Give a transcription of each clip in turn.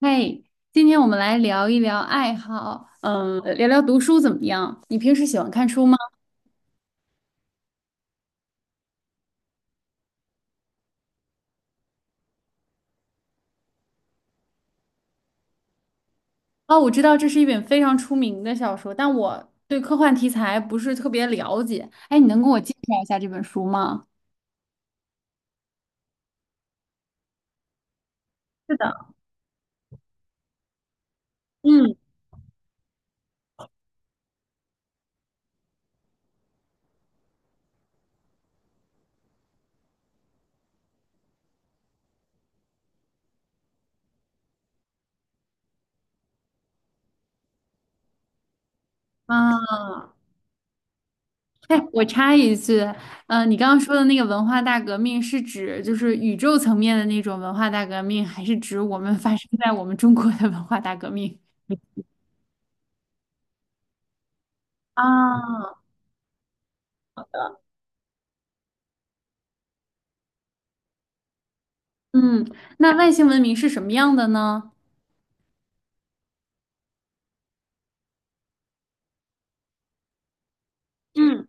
嘿，今天我们来聊一聊爱好，嗯，聊聊读书怎么样？你平时喜欢看书吗？哦，我知道这是一本非常出名的小说，但我对科幻题材不是特别了解。哎，你能跟我介绍一下这本书吗？是的。嗯，啊。嘿，我插一句，你刚刚说的那个文化大革命是指就是宇宙层面的那种文化大革命，还是指我们发生在我们中国的文化大革命？啊。嗯，那外星文明是什么样的呢？嗯。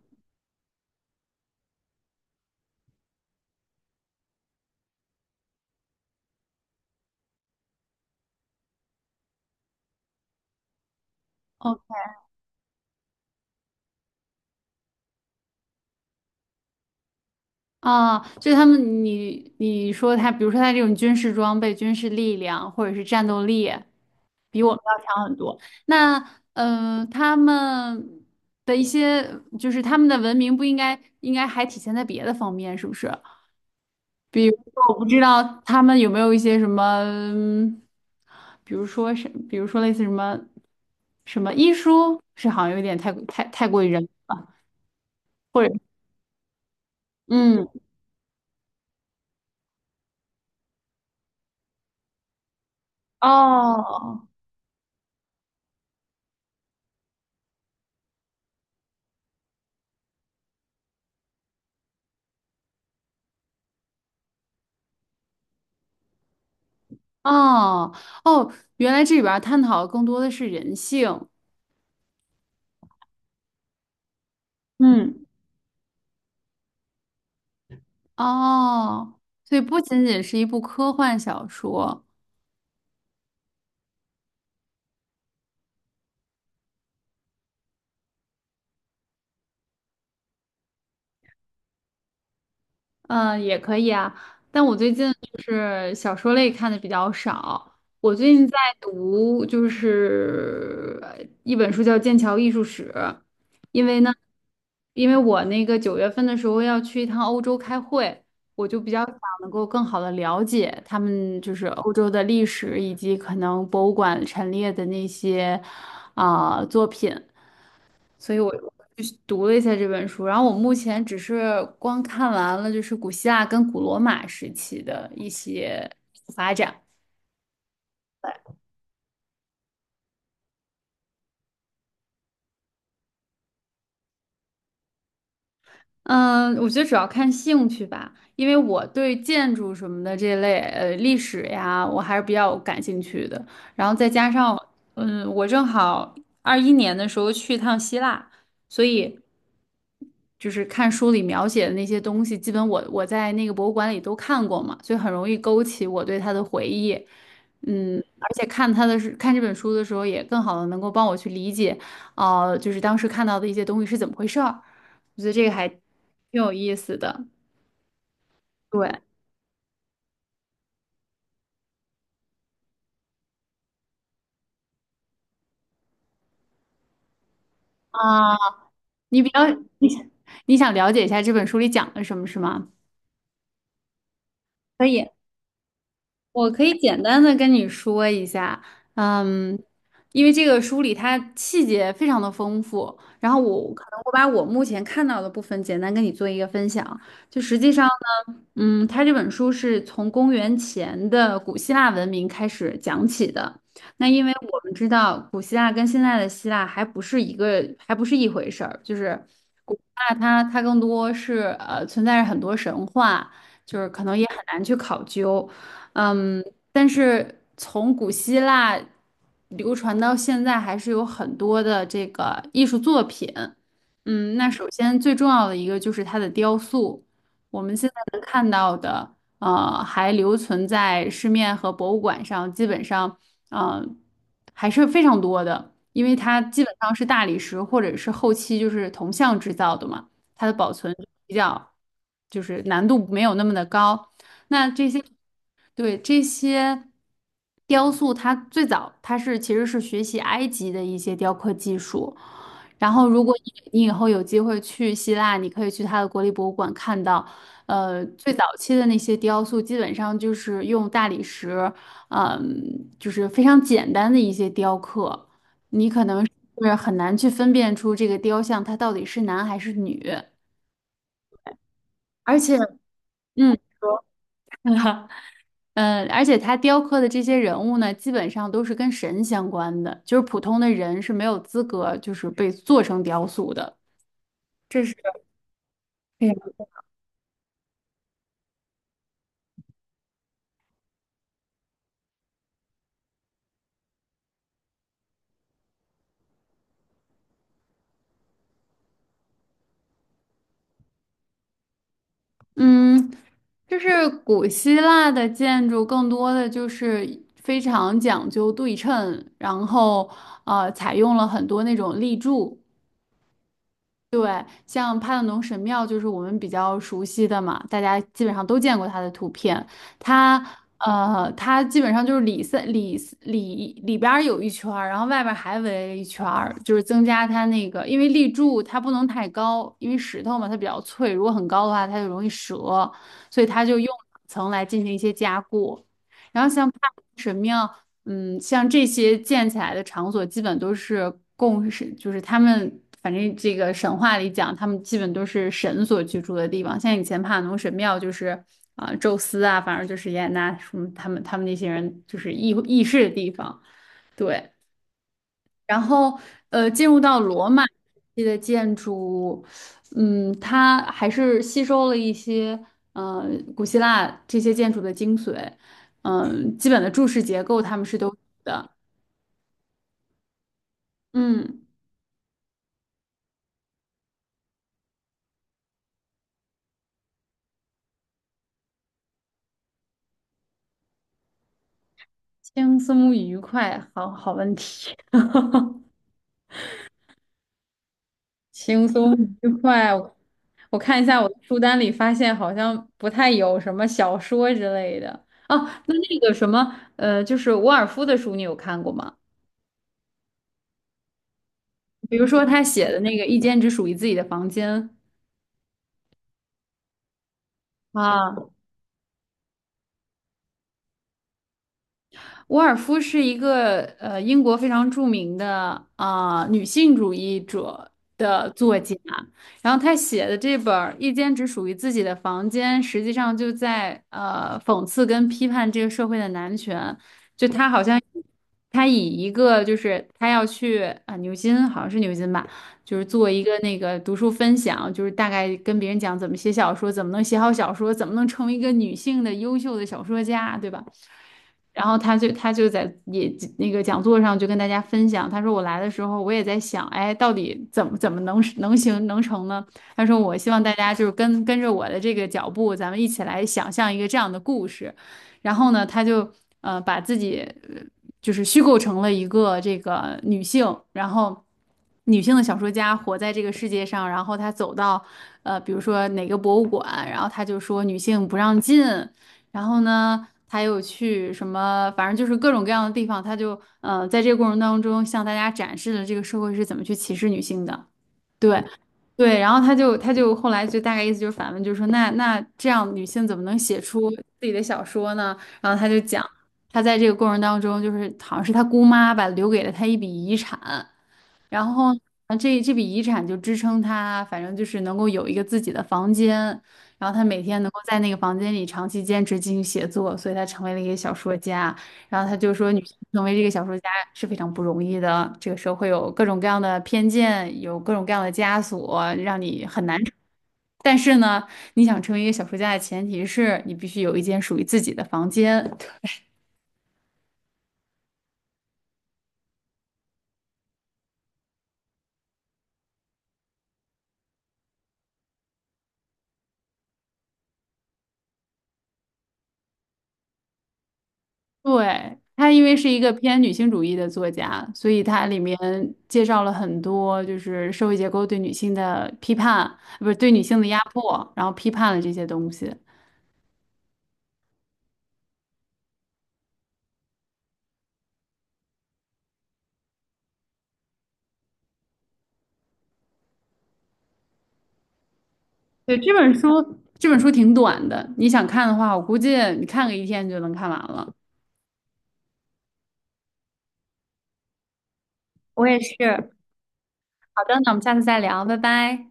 哦啊，就他们你说他，比如说他这种军事装备、军事力量或者是战斗力，比我们要强很多。那嗯，他们的一些就是他们的文明不应该应该还体现在别的方面，是不是？比如说，我不知道他们有没有一些什么，比如说是，比如说类似什么什么医书，是好像有点太过于人，或者嗯。哦。哦哦，原来这里边儿探讨的更多的是人性。嗯。哦，所以不仅仅是一部科幻小说。嗯，也可以啊，但我最近就是小说类看的比较少。我最近在读就是一本书叫《剑桥艺术史》。因为呢，因为我那个9月份的时候要去一趟欧洲开会，我就比较想能够更好的了解他们就是欧洲的历史以及可能博物馆陈列的那些作品。所以我就是读了一下这本书，然后我目前只是光看完了就是古希腊跟古罗马时期的一些发展。嗯，我觉得主要看兴趣吧，因为我对建筑什么的这类历史呀，我还是比较感兴趣的。然后再加上，嗯，我正好21年的时候去一趟希腊，所以就是看书里描写的那些东西，基本我在那个博物馆里都看过嘛，所以很容易勾起我对他的回忆。嗯，而且看他的是看这本书的时候，也更好的能够帮我去理解，就是当时看到的一些东西是怎么回事儿。我觉得这个还挺有意思的。对啊，你比较你想你想了解一下这本书里讲了什么，是吗？可以。我可以简单的跟你说一下。嗯，因为这个书里它细节非常的丰富，然后我可能我把我目前看到的部分简单跟你做一个分享。就实际上呢，嗯，它这本书是从公元前的古希腊文明开始讲起的。那因为我们知道古希腊跟现在的希腊还不是一个，还不是一回事儿，就是古希腊它更多是存在着很多神话，就是可能也很难去考究。嗯，但是从古希腊流传到现在，还是有很多的这个艺术作品。嗯，那首先最重要的一个就是它的雕塑，我们现在能看到的，还留存在市面和博物馆上，基本上，呃，还是非常多的，因为它基本上是大理石或者是后期就是铜像制造的嘛，它的保存比较就是难度没有那么的高。那这些。对，这些雕塑，它最早它是其实是学习埃及的一些雕刻技术。然后，如果你以后有机会去希腊，你可以去它的国立博物馆看到，最早期的那些雕塑，基本上就是用大理石，就是非常简单的一些雕刻，你可能是很难去分辨出这个雕像它到底是男还是女，而且，嗯。嗯，而且他雕刻的这些人物呢，基本上都是跟神相关的，就是普通的人是没有资格就是被做成雕塑的。这是，嗯，就是古希腊的建筑更多的就是非常讲究对称，然后采用了很多那种立柱。对，像帕特农神庙就是我们比较熟悉的嘛，大家基本上都见过它的图片。它它基本上就是里三里里里边儿有一圈儿，然后外边儿还围了一圈儿，就是增加它那个，因为立柱它不能太高，因为石头嘛它比较脆，如果很高的话它就容易折，所以它就用两层来进行一些加固。然后像帕神庙，嗯，像这些建起来的场所，基本都是供神，就是他们反正这个神话里讲，他们基本都是神所居住的地方。像以前帕农神庙就是宙斯啊，反正就是雅典娜什么他们那些人就是议事的地方。对，然后，进入到罗马时期的建筑物嗯，它还是吸收了一些，呃，古希腊这些建筑的精髓，基本的柱式结构他们是都有的。嗯，轻松愉快，好好问题，轻松愉快，我看一下我的书单里，发现好像不太有什么小说之类的。哦，那那个什么，就是沃尔夫的书，你有看过吗？比如说他写的那个“一间只属于自己的房间”啊，沃尔夫是一个英国非常著名的女性主义者的作家，然后她写的这本儿《一间只属于自己的房间》，实际上就在讽刺跟批判这个社会的男权。就她好像她以一个就是她要去牛津，好像是牛津吧，就是做一个那个读书分享，就是大概跟别人讲怎么写小说，怎么能写好小说，怎么能成为一个女性的优秀的小说家，对吧？然后他就在也那个讲座上就跟大家分享，他说我来的时候我也在想，哎，到底怎么能行能成呢？他说我希望大家就是跟着我的这个脚步，咱们一起来想象一个这样的故事。然后呢，他就把自己呃就是虚构成了一个这个女性，然后女性的小说家活在这个世界上，然后她走到比如说哪个博物馆，然后她就说女性不让进。然后呢，他又去什么，反正就是各种各样的地方，他就在这个过程当中向大家展示了这个社会是怎么去歧视女性的。对。对，然后他就后来就大概意思就是反问，就是说那那这样女性怎么能写出自己的小说呢？然后他就讲，他在这个过程当中，就是好像是他姑妈吧，留给了他一笔遗产，然后这这笔遗产就支撑他，反正就是能够有一个自己的房间，然后他每天能够在那个房间里长期坚持进行写作，所以他成为了一个小说家。然后他就说，女性成为这个小说家是非常不容易的，这个社会有各种各样的偏见，有各种各样的枷锁，让你很难。但是呢，你想成为一个小说家的前提是你必须有一间属于自己的房间。对，他，因为是一个偏女性主义的作家，所以他里面介绍了很多就是社会结构对女性的批判，不是对女性的压迫，然后批判了这些东西。对，这本书，这本书挺短的，你想看的话，我估计你看个一天就能看完了。我也是。好的，那我们下次再聊，拜拜。